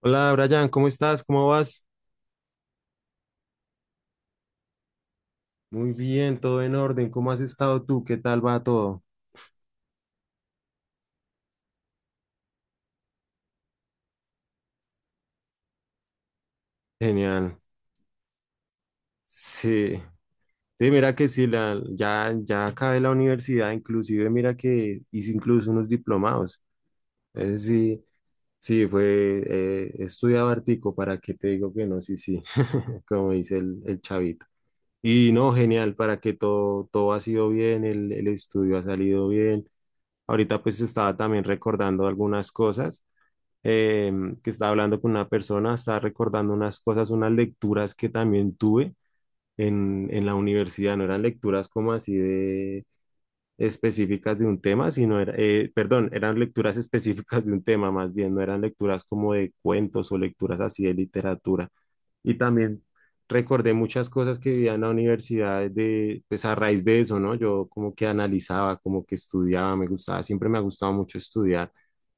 Hola Brian, ¿cómo estás? ¿Cómo vas? Muy bien, todo en orden. ¿Cómo has estado tú? ¿Qué tal va todo? Genial. Sí, sí, mira que sí, ya acabé la universidad, inclusive mira que hice incluso unos diplomados. Ese sí, sí, estudiaba hartico, ¿para qué te digo que no? Sí, sí, como dice el chavito. Y no, genial, para que todo ha sido bien, el estudio ha salido bien. Ahorita pues estaba también recordando algunas cosas. eh, que estaba hablando con una persona, estaba recordando unas cosas, unas lecturas que también tuve en la universidad. No eran lecturas como así de específicas de un tema, sino perdón, eran lecturas específicas de un tema más bien, no eran lecturas como de cuentos o lecturas así de literatura. Y también recordé muchas cosas que vivía en la universidad de, pues a raíz de eso, ¿no? Yo como que analizaba, como que estudiaba, me gustaba, siempre me ha gustado mucho estudiar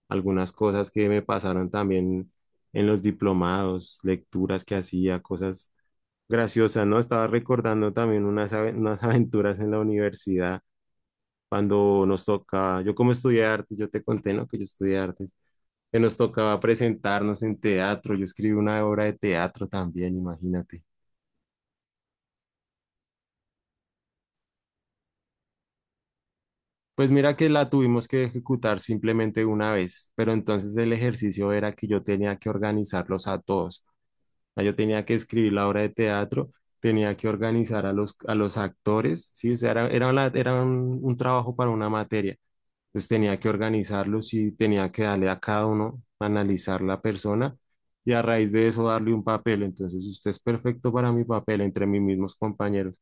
algunas cosas que me pasaron también en los diplomados, lecturas que hacía, cosas graciosas, ¿no? Estaba recordando también unas aventuras en la universidad cuando nos toca. Yo como estudié artes, yo te conté, ¿no? Que yo estudié artes, que nos tocaba presentarnos en teatro, yo escribí una obra de teatro también, imagínate. Pues mira que la tuvimos que ejecutar simplemente una vez, pero entonces el ejercicio era que yo tenía que organizarlos a todos. O sea, yo tenía que escribir la obra de teatro, tenía que organizar a los actores, ¿sí? O sea, era un trabajo para una materia. Entonces tenía que organizarlos y tenía que darle a cada uno, analizar la persona y a raíz de eso darle un papel. Entonces usted es perfecto para mi papel entre mis mismos compañeros.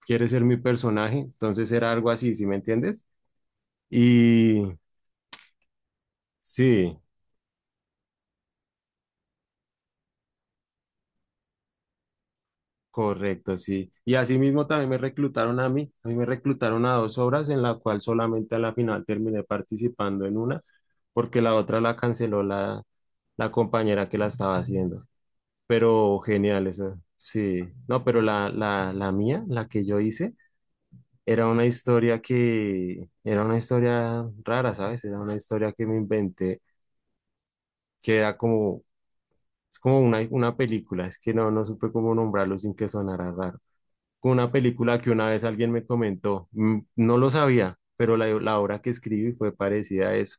Quiere ser mi personaje, entonces era algo así, ¿sí me entiendes? Y sí, correcto, sí. Y así mismo también me reclutaron a mí. A mí me reclutaron a dos obras en la cual solamente a la final terminé participando en una porque la otra la canceló la compañera que la estaba haciendo. Pero genial esa, sí. No, pero la mía, la que yo hice, era una historia que, era una historia rara, ¿sabes? Era una historia que me inventé, que era como, es como una película. Es que no supe cómo nombrarlo sin que sonara raro. Como una película que una vez alguien me comentó, mm, no lo sabía, pero la obra que escribí fue parecida a eso.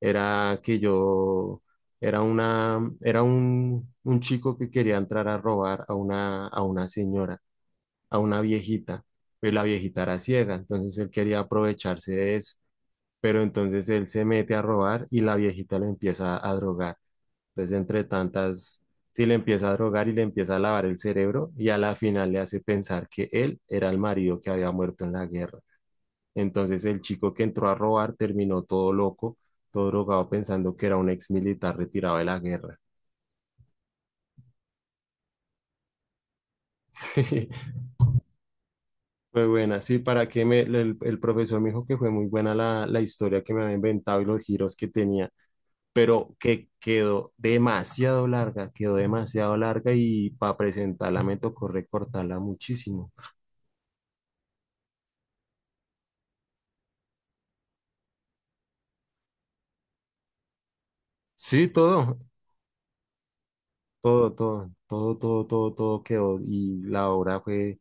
Era que yo, era un chico que quería entrar a robar a una señora, a una viejita, pero la viejita era ciega, entonces él quería aprovecharse de eso, pero entonces él se mete a robar y la viejita lo empieza a drogar. Entonces, entre tantas, sí le empieza a drogar y le empieza a lavar el cerebro y a la final le hace pensar que él era el marido que había muerto en la guerra. Entonces, el chico que entró a robar terminó todo loco, todo drogado pensando que era un ex militar retirado de la guerra. Sí. Fue buena, sí, para que me, el profesor me dijo que fue muy buena la historia que me había inventado y los giros que tenía, pero que quedó demasiado larga y para presentarla me tocó recortarla muchísimo. Sí, todo, todo, todo, todo, todo, todo, todo quedó y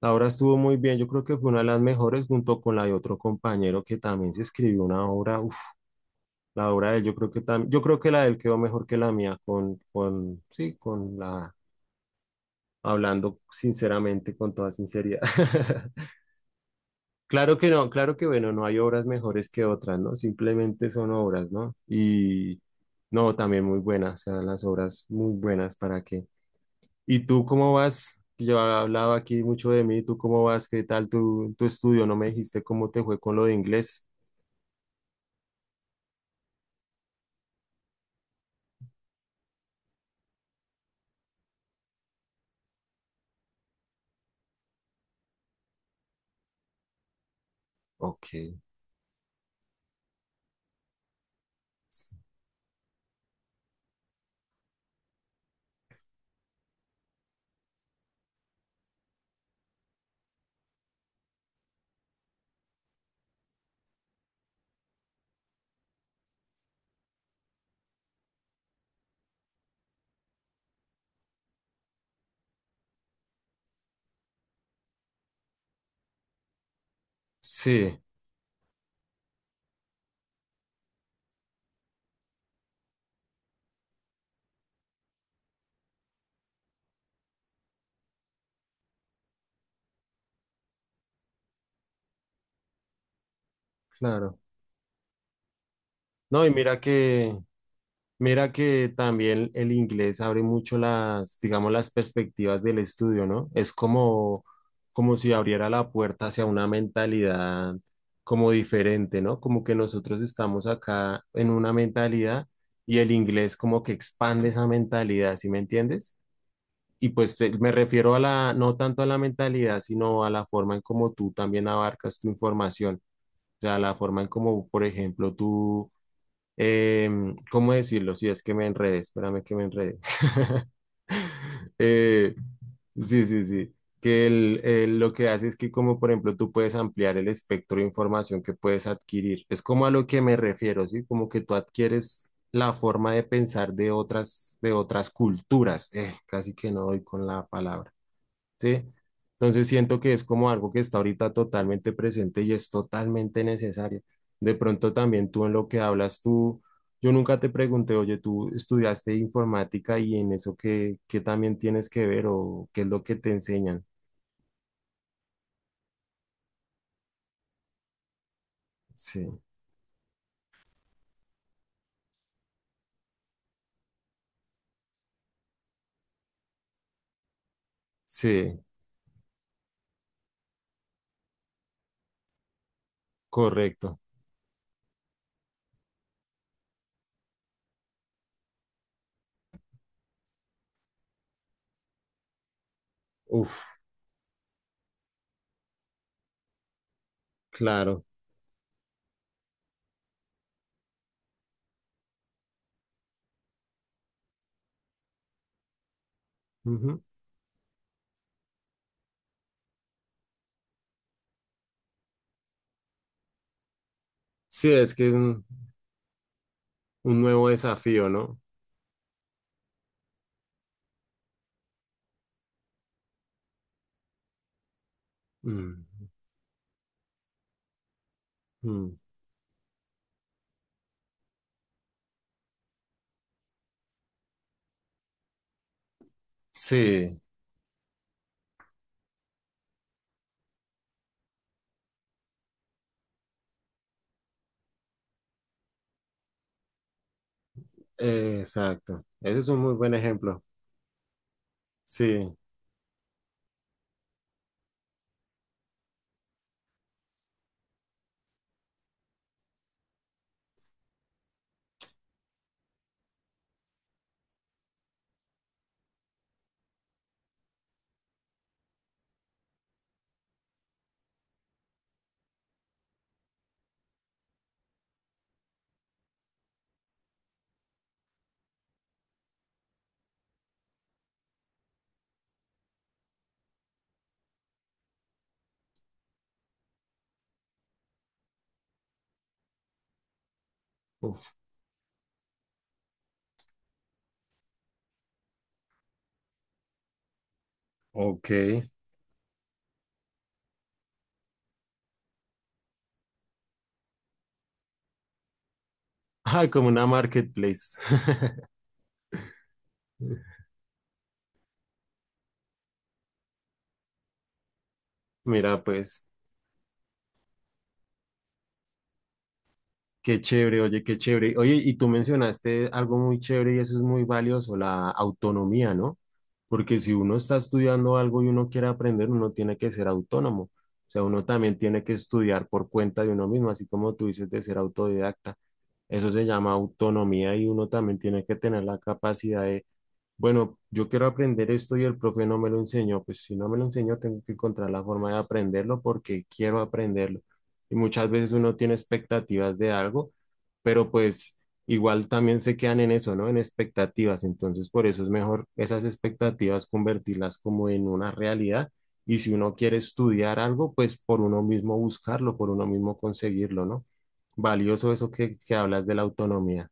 la obra estuvo muy bien. Yo creo que fue una de las mejores junto con la de otro compañero que también se escribió una obra, uf, la obra de él, yo creo que la de él quedó mejor que la mía sí, con la, hablando sinceramente, con toda sinceridad. Claro que no, claro que bueno, no hay obras mejores que otras, ¿no? Simplemente son obras, ¿no? Y no, también muy buenas, o sea, las obras muy buenas, ¿para qué? ¿Y tú cómo vas? Yo he hablado aquí mucho de mí, ¿tú cómo vas? ¿Qué tal tu estudio? ¿No me dijiste cómo te fue con lo de inglés? Ok, sí, claro. No, y mira que, mira que también el inglés abre mucho las, digamos, las perspectivas del estudio, ¿no? Es como, como si abriera la puerta hacia una mentalidad como diferente, ¿no? Como que nosotros estamos acá en una mentalidad y el inglés como que expande esa mentalidad, ¿sí me entiendes? Y pues me refiero a la, no tanto a la mentalidad, sino a la forma en cómo tú también abarcas tu información, o sea, la forma en cómo, por ejemplo, tú ¿cómo decirlo? Si es que me enredé, espérame que me enredé. Eh, sí, sí, sí. Que lo que hace es que, como por ejemplo, tú puedes ampliar el espectro de información que puedes adquirir. Es como a lo que me refiero, ¿sí? Como que tú adquieres la forma de pensar de otras culturas. Casi que no doy con la palabra. ¿Sí? Entonces siento que es como algo que está ahorita totalmente presente y es totalmente necesario. De pronto también tú en lo que hablas, tú, yo nunca te pregunté, oye, tú estudiaste informática y en eso qué, qué también tienes que ver o qué es lo que te enseñan. Sí, sí, correcto. Uf, claro. Ujú. Sí, es que es un nuevo desafío, ¿no? Mm, mm. Sí, exacto. Ese es un muy buen ejemplo. Sí, uf, ok. Ah, como una marketplace. Mira, pues, qué chévere. Oye, y tú mencionaste algo muy chévere y eso es muy valioso, la autonomía, ¿no? Porque si uno está estudiando algo y uno quiere aprender, uno tiene que ser autónomo. O sea, uno también tiene que estudiar por cuenta de uno mismo, así como tú dices de ser autodidacta. Eso se llama autonomía y uno también tiene que tener la capacidad de, bueno, yo quiero aprender esto y el profe no me lo enseñó. Pues si no me lo enseñó, tengo que encontrar la forma de aprenderlo porque quiero aprenderlo. Y muchas veces uno tiene expectativas de algo, pero pues igual también se quedan en eso, ¿no? En expectativas. Entonces, por eso es mejor esas expectativas convertirlas como en una realidad. Y si uno quiere estudiar algo, pues por uno mismo buscarlo, por uno mismo conseguirlo, ¿no? Valioso eso que hablas de la autonomía.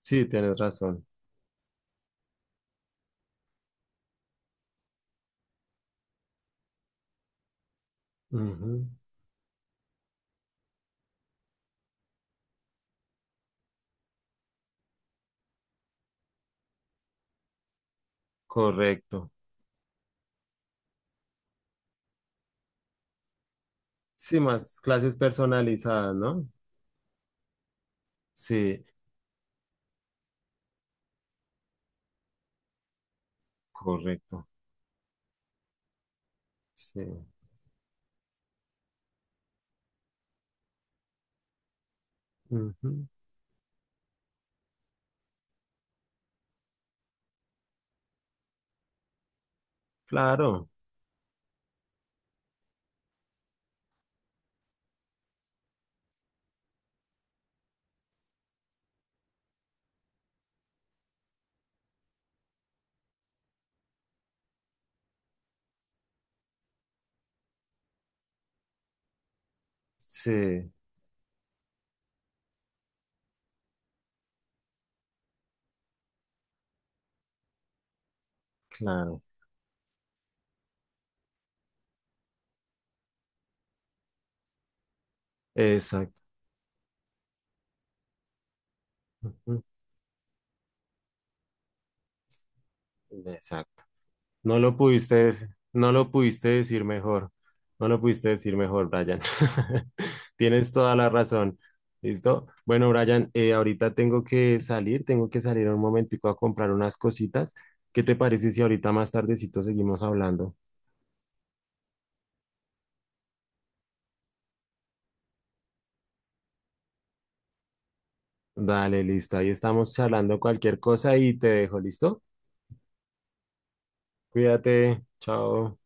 Sí, tienes razón. Ujú. Correcto. Sí, más clases personalizadas, ¿no? Sí, correcto. Sí. Ujú. Claro, sí, claro. Exacto. Ujú. Exacto. No lo pudiste decir mejor. No lo pudiste decir mejor, Brian. Tienes toda la razón. ¿Listo? Bueno, Brian, ahorita tengo que salir un momentico a comprar unas cositas. ¿Qué te parece si ahorita más tardecito seguimos hablando? Dale, listo. Ahí estamos charlando cualquier cosa y te dejo, ¿listo? Cuídate. Chao.